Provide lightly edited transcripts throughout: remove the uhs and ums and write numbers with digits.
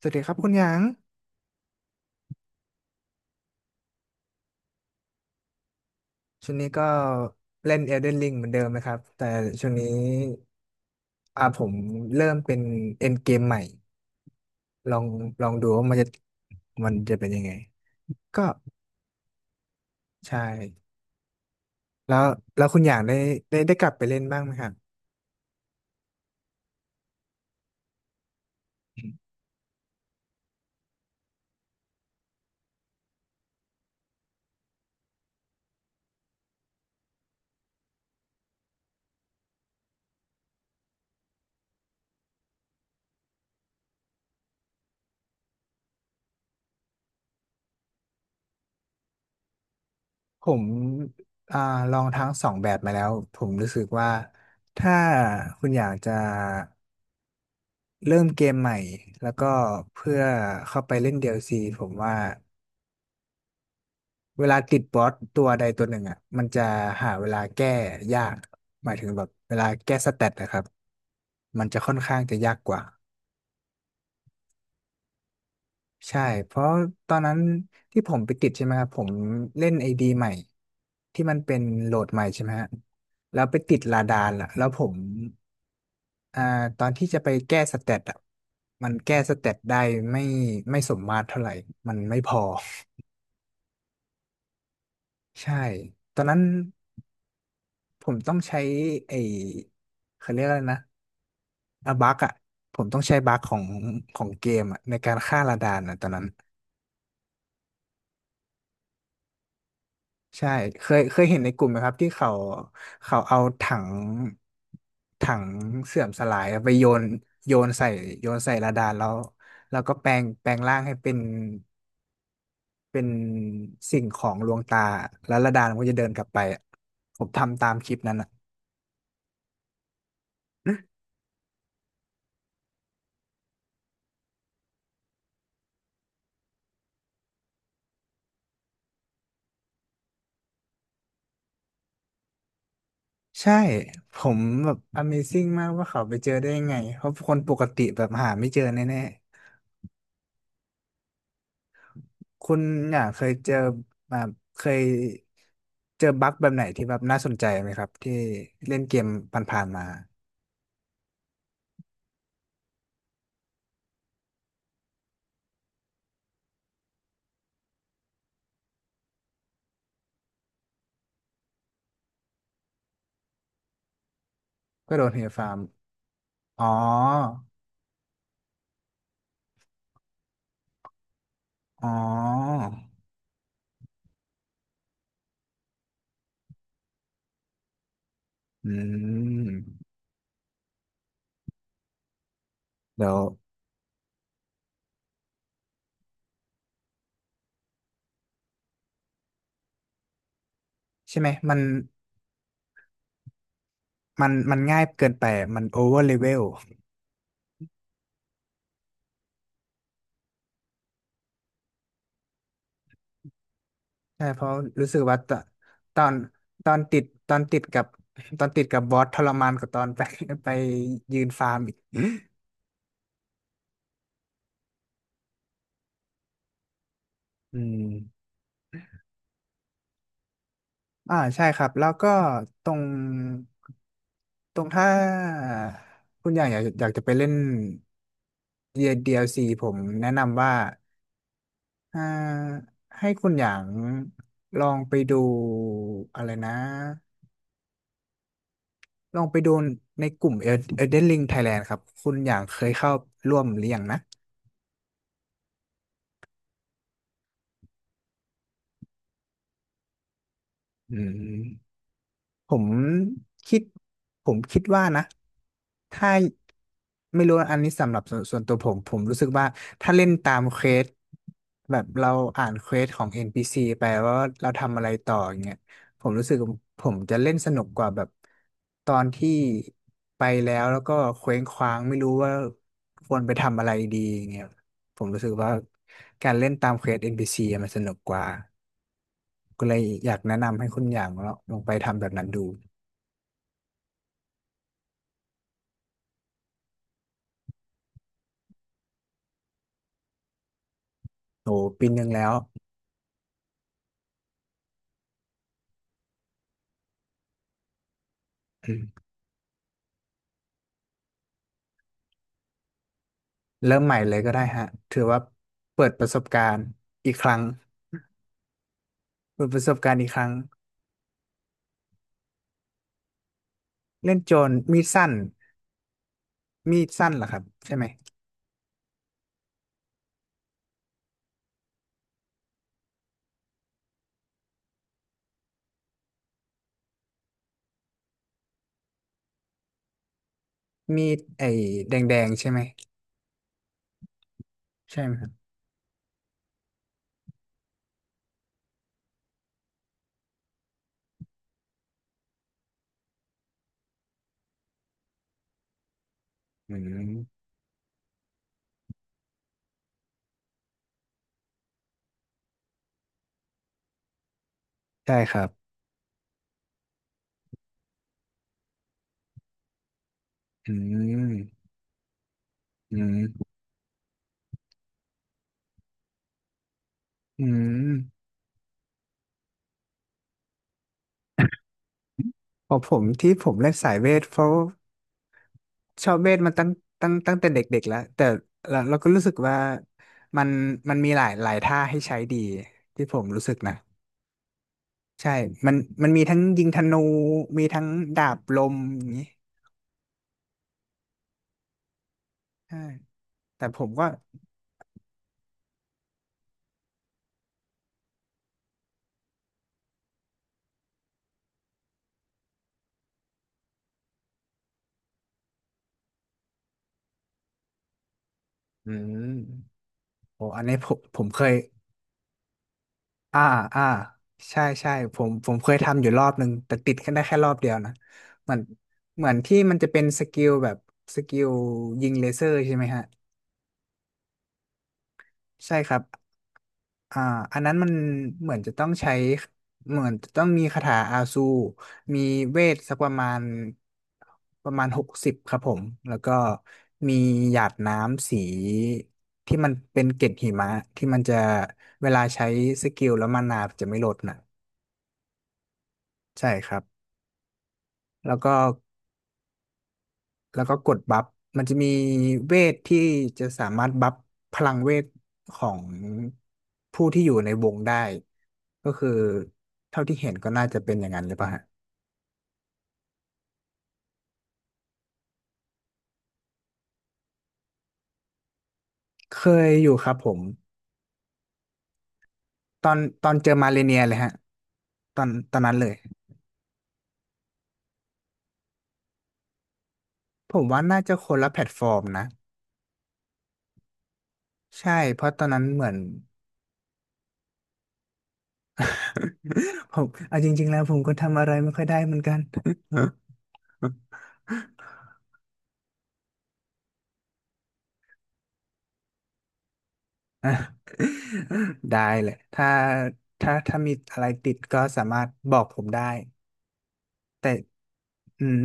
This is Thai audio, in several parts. สวัสดีครับคุณหยางช่วงนี้ก็เล่น Elden Ring เหมือนเดิมนะครับ แต่ช่วงนี้ผมเริ่มเป็นเอ็นเกมใหม่ลองลองดูว่ามันจะเป็นยังไงก็ใช่แล้วแล้วคุณหยางได้กลับไปเล่นบ้างไหมครับผมอ่าลองทั้งสองแบบมาแล้วผมรู้สึกว่าถ้าคุณอยากจะเริ่มเกมใหม่แล้วก็เพื่อเข้าไปเล่น DLC ผมว่า เวลาติดบอสตัวใดตัวหนึ่งอ่ะมันจะหาเวลาแก้ยากหมายถึงแบบเวลาแก้สเตตนะครับมันจะค่อนข้างจะยากกว่าใช่เพราะตอนนั้นที่ผมไปติดใช่ไหมครับผมเล่นไอดีใหม่ที่มันเป็นโหลดใหม่ใช่ไหมฮะแล้วไปติดลาดานล่ะแล้วผมอ่าตอนที่จะไปแก้สเตตอ่ะมันแก้สเตตได้ไม่ไม่สมมาตรเท่าไหร่มันไม่พอ ใช่ตอนนั้นผมต้องใช้ไอเขาเรียกอะไรนะ อะบักอ่ะผมต้องใช้บักของของเกมอ่ะในการฆ่าระดานอ่ะตอนนั้นใช่เคยเห็นในกลุ่มไหมครับที่เขาเอาถังเสื่อมสลายอะไปโยนโยนใส่โยนใส่ระดานแล้วแล้วก็แปลงร่างให้เป็นสิ่งของลวงตาแล้วระดานมันก็จะเดินกลับไปอะผมทำตามคลิปนั้นอ่ะ ใช่ผมแบบ Amazing มากว่าเขาไปเจอได้ยังไงเพราะคนปกติแบบหาไม่เจอแน่ คุณเนี่ยเคยเจอมาเคยเจอบั๊กแบบไหนที่แบบน่าสนใจไหมครับที่เล่นเกมผ่านๆมาก็โดนเฮลฟาร์มอ๋ออ๋ออืมเดี๋ยวใช่ไหมมันมันง่ายเกินไปมันโอเวอร์เลเวลใช่เพราะรู้สึกว่าตอนตอนติดตอนติดกับตอนติดกับบอสทรมานกว่าตอนไป ไปยืนฟาร์มอีกอืม ใช่ครับแล้วก็ตรงตรงถ้าคุณอย่างอยากจะไปเล่น DLC ผมแนะนำว่าอ่าให้คุณอย่างลองไปดูอะไรนะลองไปดูในกลุ่ม Elden Ring Thailand ครับคุณอย่างเคยเข้าร่วมหรือยังนะอืม ผมคิดผมคิดว่านะถ้าไม่รู้อันนี้สำหรับส่วนตัวผมรู้สึกว่าถ้าเล่นตามเควสแบบเราอ่านเควสของ NPC ไปว่าเราทำอะไรต่ออย่างเงี้ยผมรู้สึกผมจะเล่นสนุกกว่าแบบตอนที่ไปแล้วแล้วก็เคว้งคว้างไม่รู้ว่าควรไปทำอะไรดีอย่างเงี้ย ผมรู้สึกว่าการเล่นตามเควส NPC อนพีซีอะมันสนุกกว่าก็เลยอยากแนะนำให้คุณอย่างลองไปทำแบบนั้นดูโอ้ปีหนึ่งแล้ว เริ่มใหม่เลยก็ได้ฮะถือว่าเปิดประสบการณ์อีกครั้งเปิดประสบการณ์อีกครั้งเล่นโจรมีดสั้นมีดสั้นเหรอครับใช่ไหมมีดไอ้แดงๆใช่ไหมใช่ไหมครับอืมใช่ครับอืมอืมอืมพอผมที่ผมเล่นสายเวทเพราะ ชอบเวทมันตั้งแต่เด็กๆแล้วแต่เราก็รู้สึกว่ามันมันมีหลายหลายท่าให้ใช้ดีที่ผมรู้สึกนะใช่มันมันมีทั้งยิงธนูมีทั้งดาบลมอย่างนี้ใช่แต่ผมก็อืมโอ้อันนี้ผมเคยอ่าอ่าใช่ใช่ผมเคยทำอยู่รอบหนึ่งแต่ติดแค่ได้แค่รอบเดียวนะเหมือนเหมือนที่มันจะเป็นสกิลแบบสกิลยิงเลเซอร์ใช่ไหมฮะใช่ครับ อ่าอันนั้นมันเหมือนจะต้องใช้เหมือนจะต้องมีคาถาอาซูมีเวทสักประมาณ60ครับผมแล้วก็มีหยาดน้ำสีที่มันเป็นเกล็ดหิมะที่มันจะเวลาใช้สกิลแล้วมานาจะไม่ลดน่ะใช่ครับแล้วก็ แล้วก็กดบัฟมันจะมีเวทที่จะสามารถบัฟพลังเวทของผู้ที่อยู่ในวงได้ก็คือเท่าที่เห็นก็น่าจะเป็นอย่างนั้นหรือเปล่าฮะเคยอยู่ครับผมตอนตอนเจอมาเลเนียเลยฮะตอนนั้นเลยผมว่าน่าจะคนละแพลตฟอร์มนะใช่เพราะตอนนั้นเหมือน ผมเอาจริงๆแล้วผมก็ทำอะไรไม่ค่อยได้เหมือนกัน ได้เลยถ้าถ้ามีอะไรติดก็สามารถบอกผมได้แต่อืม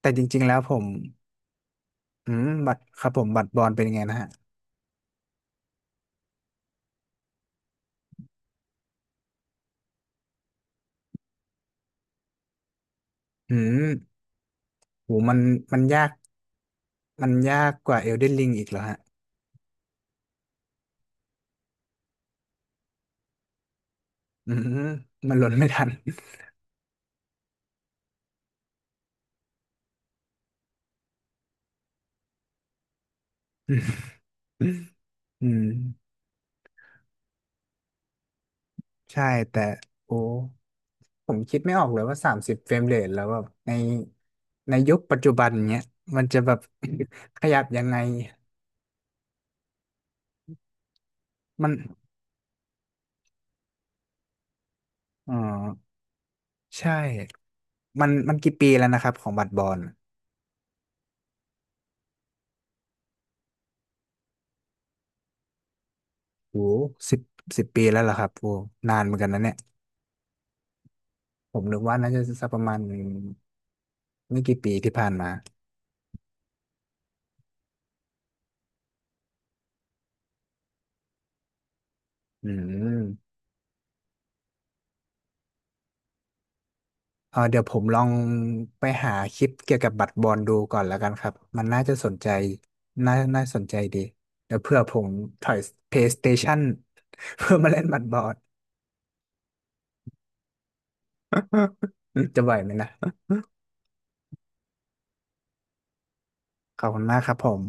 แต่จริงๆแล้วผมอืมบัตรครับผมบัตรบอลเป็นยังไงนะฮะอืมโหมันยากมันยากกว่าเอลเดนลิงอีกเหรอฮะอืมมันหล่นไม่ทัน อืมอืมใช่แต่โอ้ผมคิดไม่ออกเลยว่า30เฟรมเรทแล้วแบบในยุคปัจจุบันเนี้ยมันจะแบบ ขยับยังไงมันอ๋อใช่ มันกี่ปีแล้วนะครับของบัตรบอลโหสิบสิบปีแล้วเหรอครับโหนานเหมือนกันนะเนี่ยผมนึกว่าน่าจะสักประมาณไม่กี่ปีที่ผ่านมาอืมเออเดี๋ยวผมลองไปหาคลิปเกี่ยวกับบัตรบอลดูก่อนแล้วกันครับ มันน่าจะสนใจน่าสนใจดีเดี๋ยวเผื่อผมถอย PlayStation เพื่อมาเล่นบัตรบอล จะไหวไหมนะขอบคุณมากครับผม